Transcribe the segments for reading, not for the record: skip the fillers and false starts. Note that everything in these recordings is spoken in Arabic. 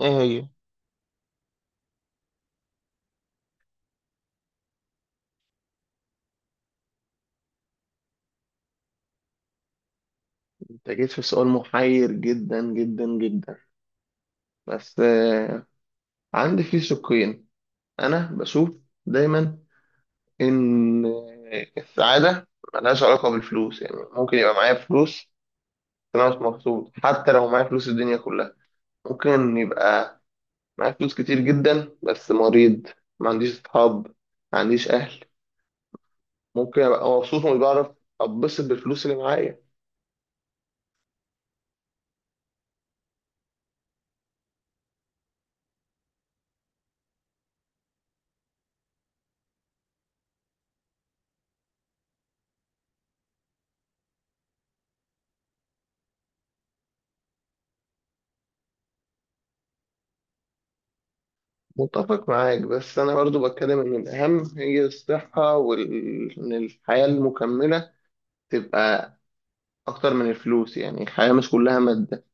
ايه هي؟ انت جيت في سؤال محير جدا جدا جدا. بس عندي فيه شقين. انا بشوف دايما ان السعادة ملهاش علاقة بالفلوس. يعني ممكن يبقى معايا فلوس بس انا مش مبسوط، حتى لو معايا فلوس الدنيا كلها. ممكن يبقى معايا فلوس كتير جدا بس مريض، ما عنديش اصحاب، ما عنديش اهل. ممكن ابقى مبسوط ومش بعرف اتبسط بالفلوس اللي معايا. متفق معاك، بس أنا برضو بتكلم إن الأهم هي الصحة، وإن الحياة المكملة تبقى أكتر من الفلوس. يعني الحياة مش كلها مادة.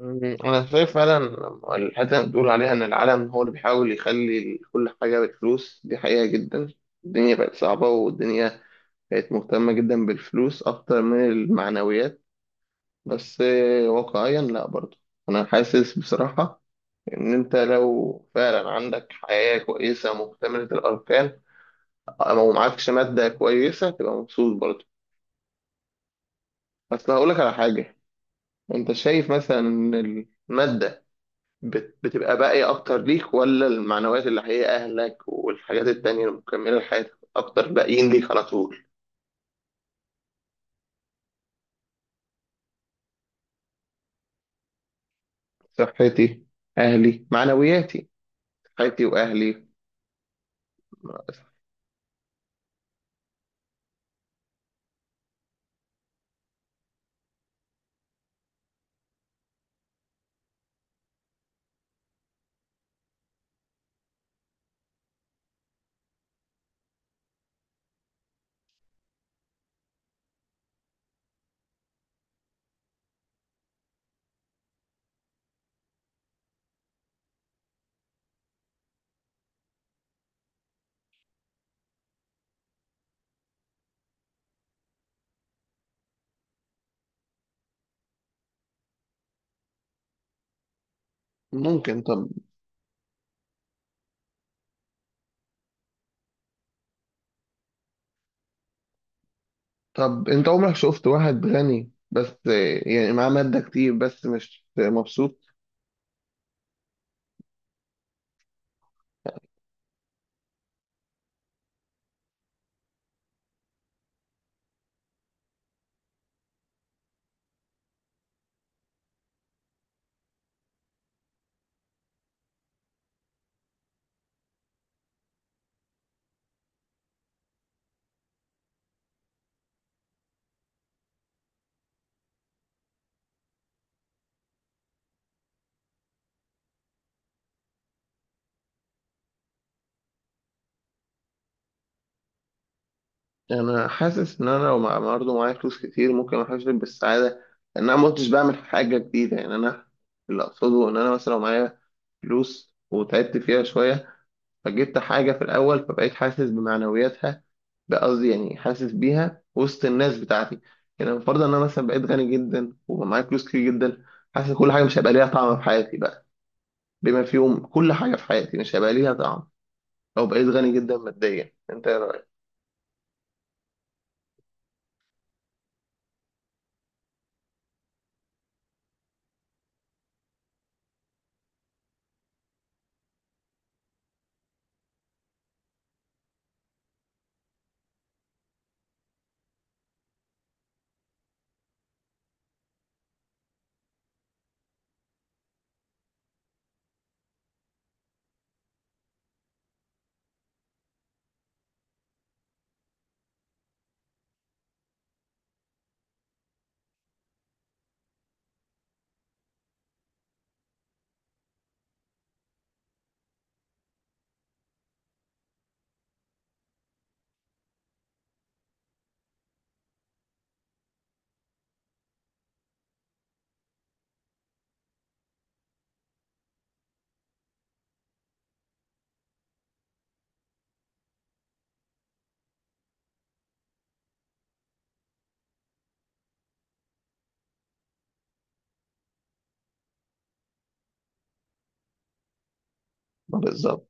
أنا شايف فعلا لما الحتة اللي بتقول عليها إن العالم هو اللي بيحاول يخلي كل حاجة بالفلوس، دي حقيقة جدا. الدنيا بقت صعبة، والدنيا بقت مهتمة جدا بالفلوس أكتر من المعنويات. بس واقعيا لأ برضو. أنا حاسس بصراحة إن أنت لو فعلا عندك حياة كويسة مكتملة الأركان، لو معكش مادة كويسة تبقى مبسوط برضه. بس هقول لك على حاجة، انت شايف مثلا ان المادة بتبقى باقية اكتر ليك، ولا المعنويات اللي هي اهلك والحاجات التانية المكملة لحياتك اكتر باقيين ليك على طول؟ صحتي، اهلي، معنوياتي. صحتي واهلي. ممكن. طب. طب انت عمرك شفت واحد غني بس، يعني معاه مادة كتير بس مش مبسوط؟ انا حاسس ان انا لو برضه معايا فلوس كتير ممكن احس بالسعاده، لان انا ما كنتش بعمل حاجه جديده. يعني انا اللي اقصده ان انا مثلا لو معايا فلوس وتعبت فيها شويه، فجبت حاجه في الاول، فبقيت حاسس بمعنوياتها. بقصدي يعني حاسس بيها وسط الناس بتاعتي. يعني المفروض ان انا مثلا بقيت غني جدا وبقى معايا فلوس كتير جدا، حاسس كل حاجه مش هيبقى ليها طعم في حياتي بقى. بما فيهم كل حاجه في حياتي مش هيبقى ليها طعم لو بقيت غني جدا ماديا. انت ايه رايك؟ بالظبط.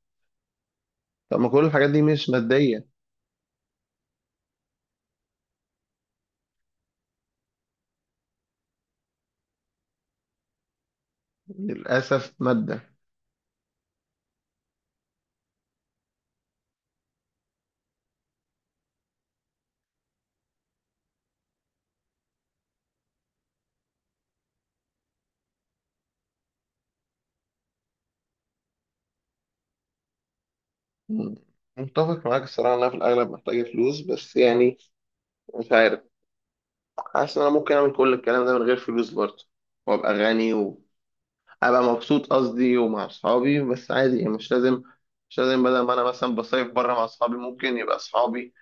طب ما كل الحاجات دي مش ماديه. للأسف مادة. مم. متفق معاك الصراحة إن أنا في الأغلب محتاجة فلوس، بس يعني مش عارف. حاسس إن أنا ممكن أعمل كل الكلام ده من غير فلوس برضه، وأبقى غني، وأبقى مبسوط قصدي ومع أصحابي. بس عادي يعني مش لازم بدل ما أنا مثلا بصيف بره مع أصحابي، ممكن يبقى أصحابي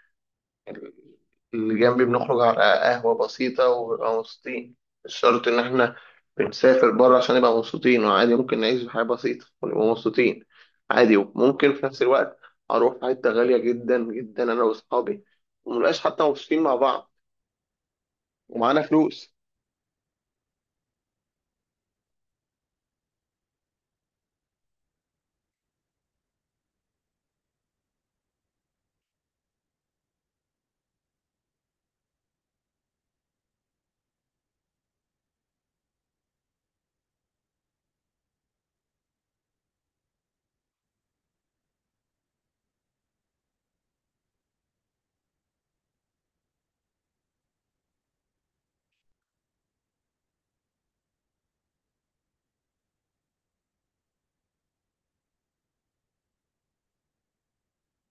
اللي جنبي بنخرج على قهوة بسيطة ونبقى مبسوطين. مش شرط إن إحنا بنسافر بره عشان نبقى مبسوطين. وعادي ممكن نعيش حياة بسيطة ونبقى مبسوطين. عادي. وممكن في نفس الوقت أروح في حتة غالية جدا جدا أنا وأصحابي، ومنبقاش حتى مبسوطين مع بعض ومعانا فلوس.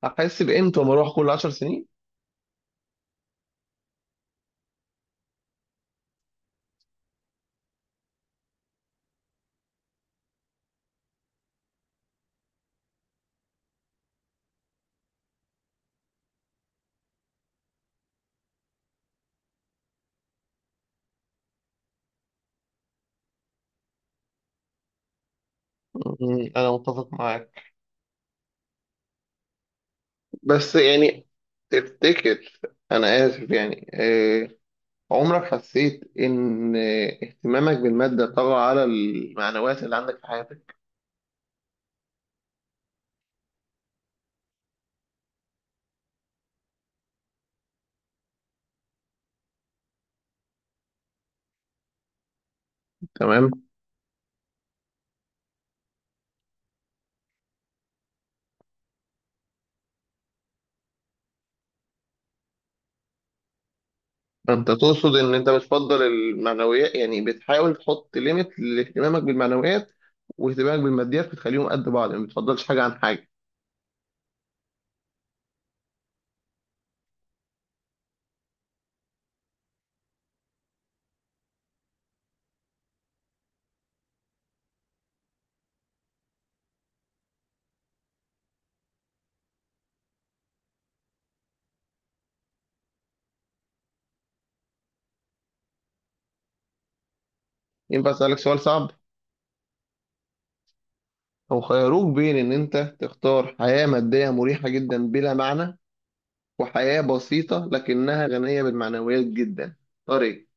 هحس بقيمته لما أروح كل 10 سنين. أنا متفق معاك. بس يعني تفتكر، أنا آسف يعني، عمرك حسيت إن اهتمامك بالمادة طغى على المعنويات اللي عندك في حياتك؟ تمام؟ فأنت تقصد إن أنت بتفضل المعنويات؟ يعني بتحاول تحط ليميت لاهتمامك بالمعنويات واهتمامك بالماديات، بتخليهم قد بعض يعني ما بتفضلش حاجة عن حاجة. ينفع أسألك سؤال صعب؟ لو خيروك بين إن أنت تختار حياة مادية مريحة جدا بلا معنى، وحياة بسيطة لكنها غنية بالمعنويات جدا، اختار إيه؟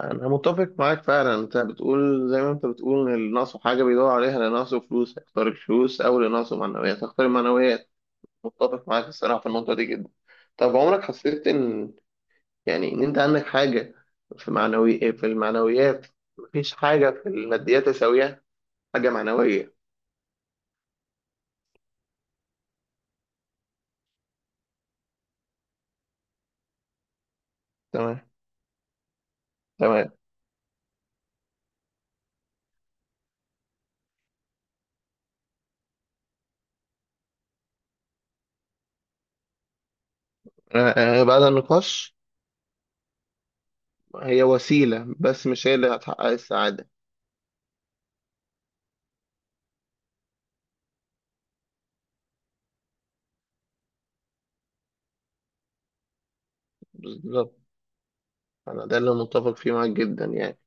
انا متفق معاك فعلا. انت بتقول، زي ما انت بتقول، ان اللي ناقصه حاجه بيدور عليها. اللي ناقصه فلوس هيختار الفلوس، او اللي ناقصه معنويات هيختار المعنويات. متفق معاك الصراحه في النقطه دي جدا. طب عمرك حسيت ان، يعني ان انت عندك حاجه في معنوي، في المعنويات، مفيش حاجه في الماديات تساويها؟ حاجه معنويه. تمام. تمام. آه، بعد النقاش، هي وسيله بس مش هي اللي هتحقق السعاده. بالظبط. انا ده اللي متفق فيه معاك جدا يعني.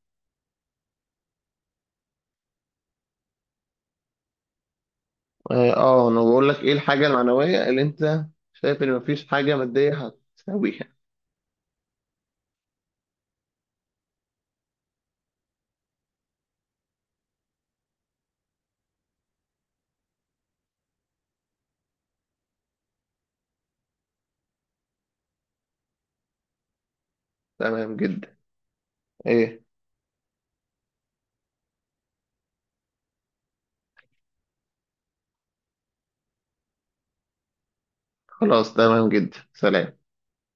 اه انا بقول لك ايه الحاجة المعنوية اللي انت شايف ان مفيش حاجة مادية هتساويها؟ تمام جدا. ايه. خلاص تمام جدا، سلام.